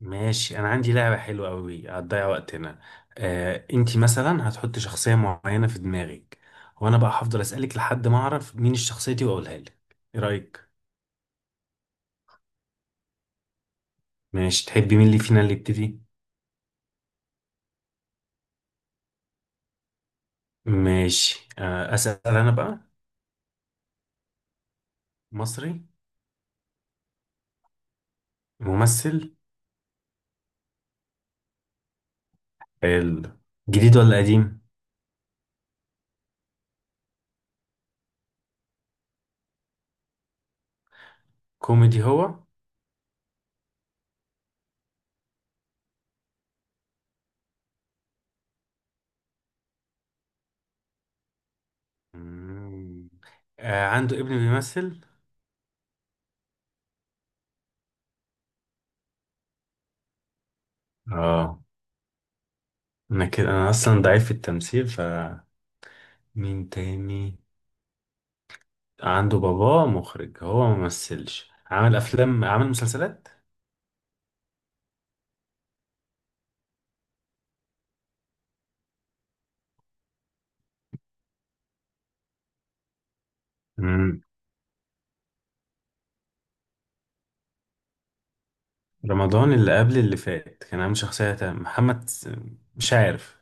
ماشي، انا عندي لعبة حلوة قوي هتضيع وقتنا. انتي مثلا هتحطي شخصية معينة في دماغك، وانا بقى هفضل اسألك لحد ما اعرف مين الشخصية دي واقولها لك. ايه رأيك؟ ماشي، تحبي مين اللي فينا اللي يبتدي؟ ماشي. اسأل انا بقى. مصري. ممثل. حلو. جديد ولا قديم؟ كوميدي هو؟ مم. عنده ابن بيمثل؟ اه. انا اصلا ضعيف في التمثيل، فمين تاني؟ عنده باباه مخرج، هو ما مثلش، عمل افلام، عمل مسلسلات. مم. رمضان اللي قبل اللي فات كان عامل شخصية تانية. مش عارف.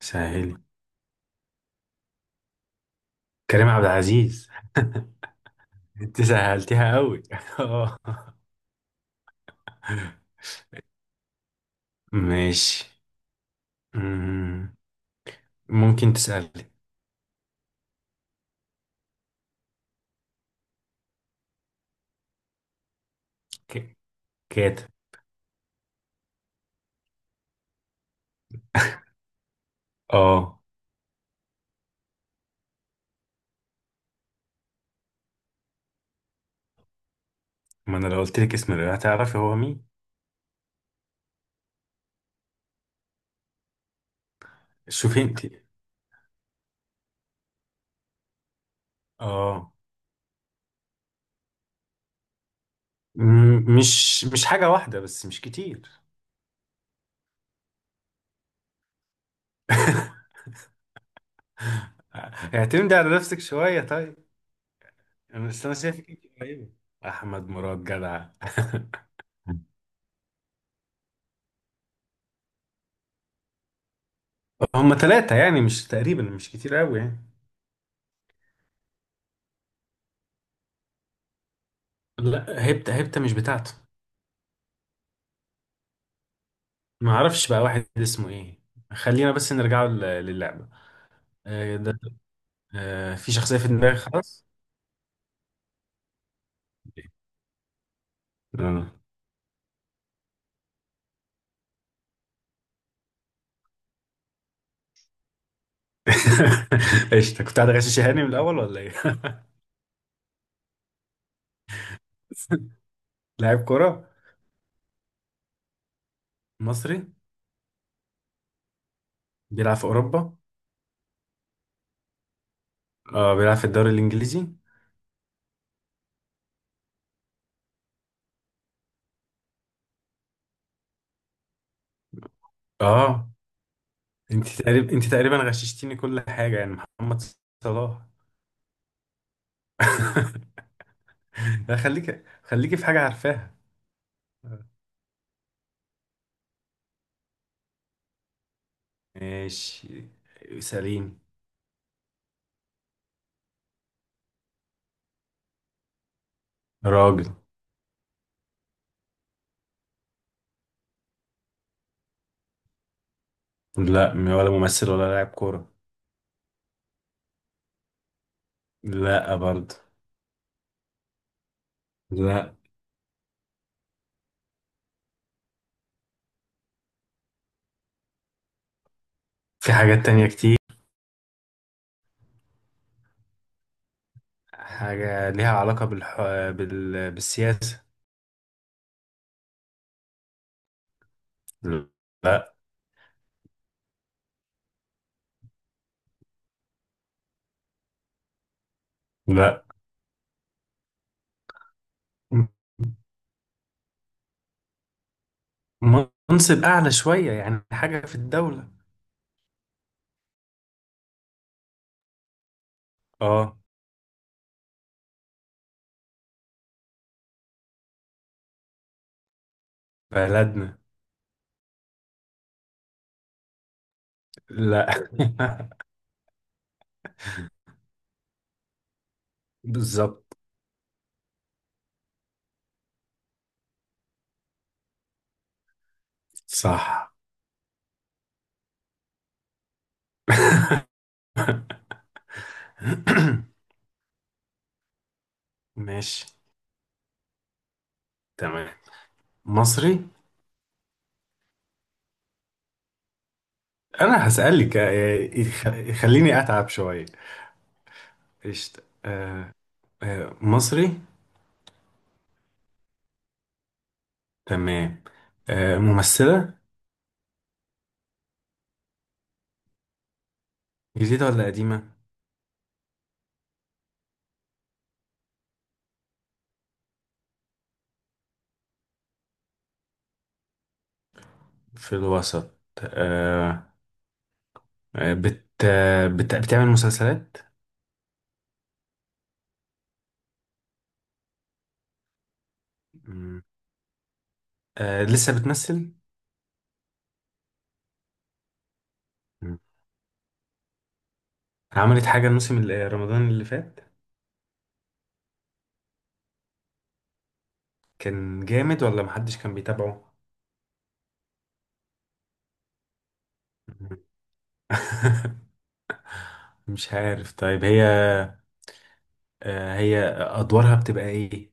سهلي. كريم عبد العزيز. انت سهلتيها قوي اه. ماشي. مم. ممكن تسألي. ك- كاتب. اه. ما انا لو قلت لك اسم الرواية هتعرفي هو مين. شوفي انت. اه. مم، مش حاجة واحدة بس، مش كتير. اعتمدي على نفسك شوية طيب. انا شايفك انت قريبه. احمد مراد جدع هم 3 يعني، مش تقريبا، مش كتير قوي يعني. لا، هبتة مش بتاعته. ما اعرفش بقى واحد اسمه ايه. خلينا بس نرجع للعبة. ده. في شخصية في دماغي خلاص. آه. ايش، انت كنت قاعد غشش هاني من الاول ولا ايه؟ لاعب كرة. مصري. بيلعب في اوروبا. اه، بيلعب في الدوري الانجليزي. اه. انت تقريبا غششتيني كل حاجة يعني. محمد صلاح. لا، خليكي في حاجة عارفاها. ماشي. سليم. راجل. لا، ولا ممثل ولا لاعب كورة. لا برضه. لا. في حاجات تانية كتير. حاجة ليها علاقة بالسياسة. لا. لا. م- منصب أعلى شوية يعني، حاجة في الدولة. اه. بلدنا. لا بالظبط. صح. ماشي. تمام. مصري. انا هسألك، خليني اتعب شوية. قشطة. مصري. تمام. ممثلة. جديدة ولا قديمة؟ في الوسط. آه، بتعمل مسلسلات؟ مم. لسه بتمثل؟ مم. عملت حاجة الموسم رمضان اللي فات؟ كان جامد ولا محدش كان بيتابعه؟ مم. مش عارف طيب. هي، هي أدوارها بتبقى إيه؟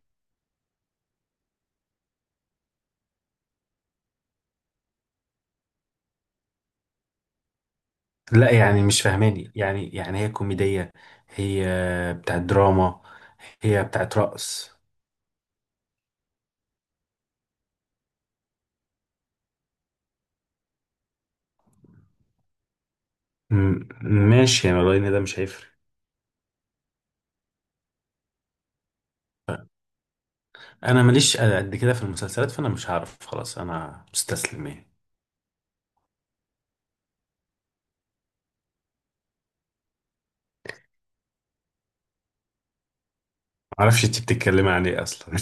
لا يعني مش فاهماني، يعني هي كوميدية، هي بتاعت دراما، هي بتاعت رقص؟ ماشي يعني، والله ان ده مش هيفرق. انا ماليش قد كده في المسلسلات، فانا مش هعرف، خلاص انا مستسلم يعني. معرفش انت بتتكلمي عن ايه اصلا.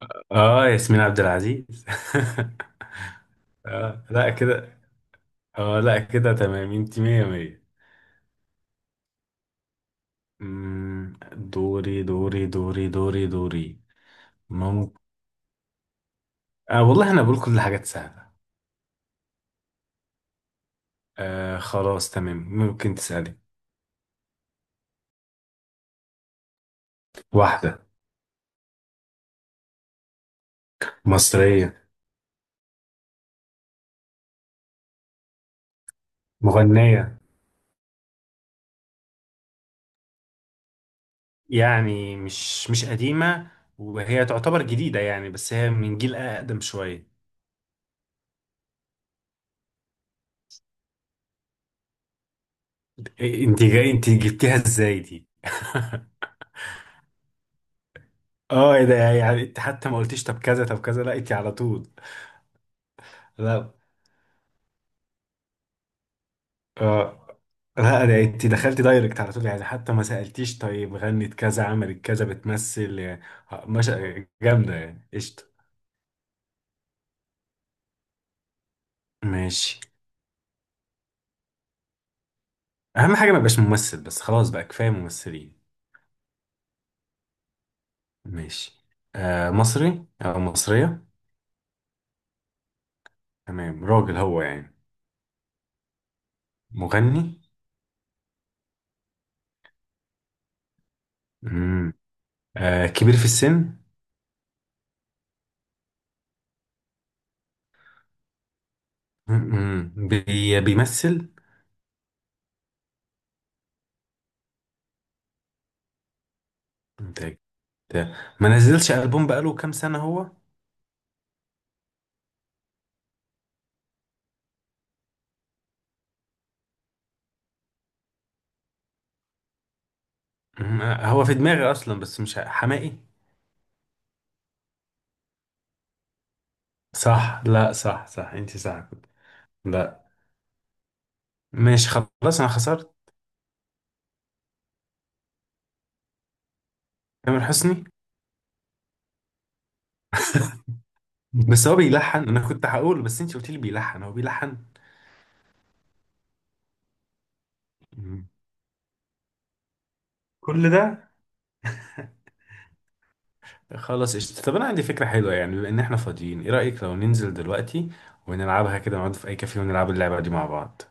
اه، ياسمين عبد العزيز. لا كده، اه لا كده تمام، انت مية مية. مم، دوري دوري دوري دوري دوري. ممكن. والله انا بقول كل حاجات سهلة. آه خلاص تمام، ممكن تسألي. واحدة. مصرية. مغنية. يعني مش قديمة، وهي تعتبر جديدة يعني، بس هي من جيل أقدم شوية. إيه، انت جبتيها ازاي دي؟ اه، ايه ده يعني، انت حتى ما قلتيش طب كذا طب كذا، لا انت على طول. لا. اه. لا، ده انت دخلتي دايركت على طول يعني، حتى ما سألتيش طيب غنت كذا عملت كذا بتمثل يعني. مش جامدة يعني، قشطة. ماشي. اهم حاجه ما يبقاش ممثل بس، خلاص بقى كفايه ممثلين. ماشي. مصري او مصريه؟ تمام. راجل هو يعني؟ مغني. مم. كبير في السن؟ مم. بيمثل؟ انت أنت- ما نزلش البوم بقاله كام سنه هو؟ مم. هو في دماغي اصلا، بس مش ه- حماقي؟ صح. لا صح صح، انت صح كنت. لا. ماشي خلاص، انا خسرت. تامر حسني. بس هو بيلحن، انا كنت هقول، بس انت قلت لي بيلحن، هو بيلحن. مم. كل ده. خلاص قشطة. طب انا عندي فكرة حلوة، يعني بما ان احنا فاضيين، ايه رأيك لو ننزل دلوقتي ونلعبها كده، نقعد في اي كافيه ونلعب اللعبة دي مع بعض.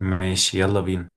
ماشي، يلا بينا.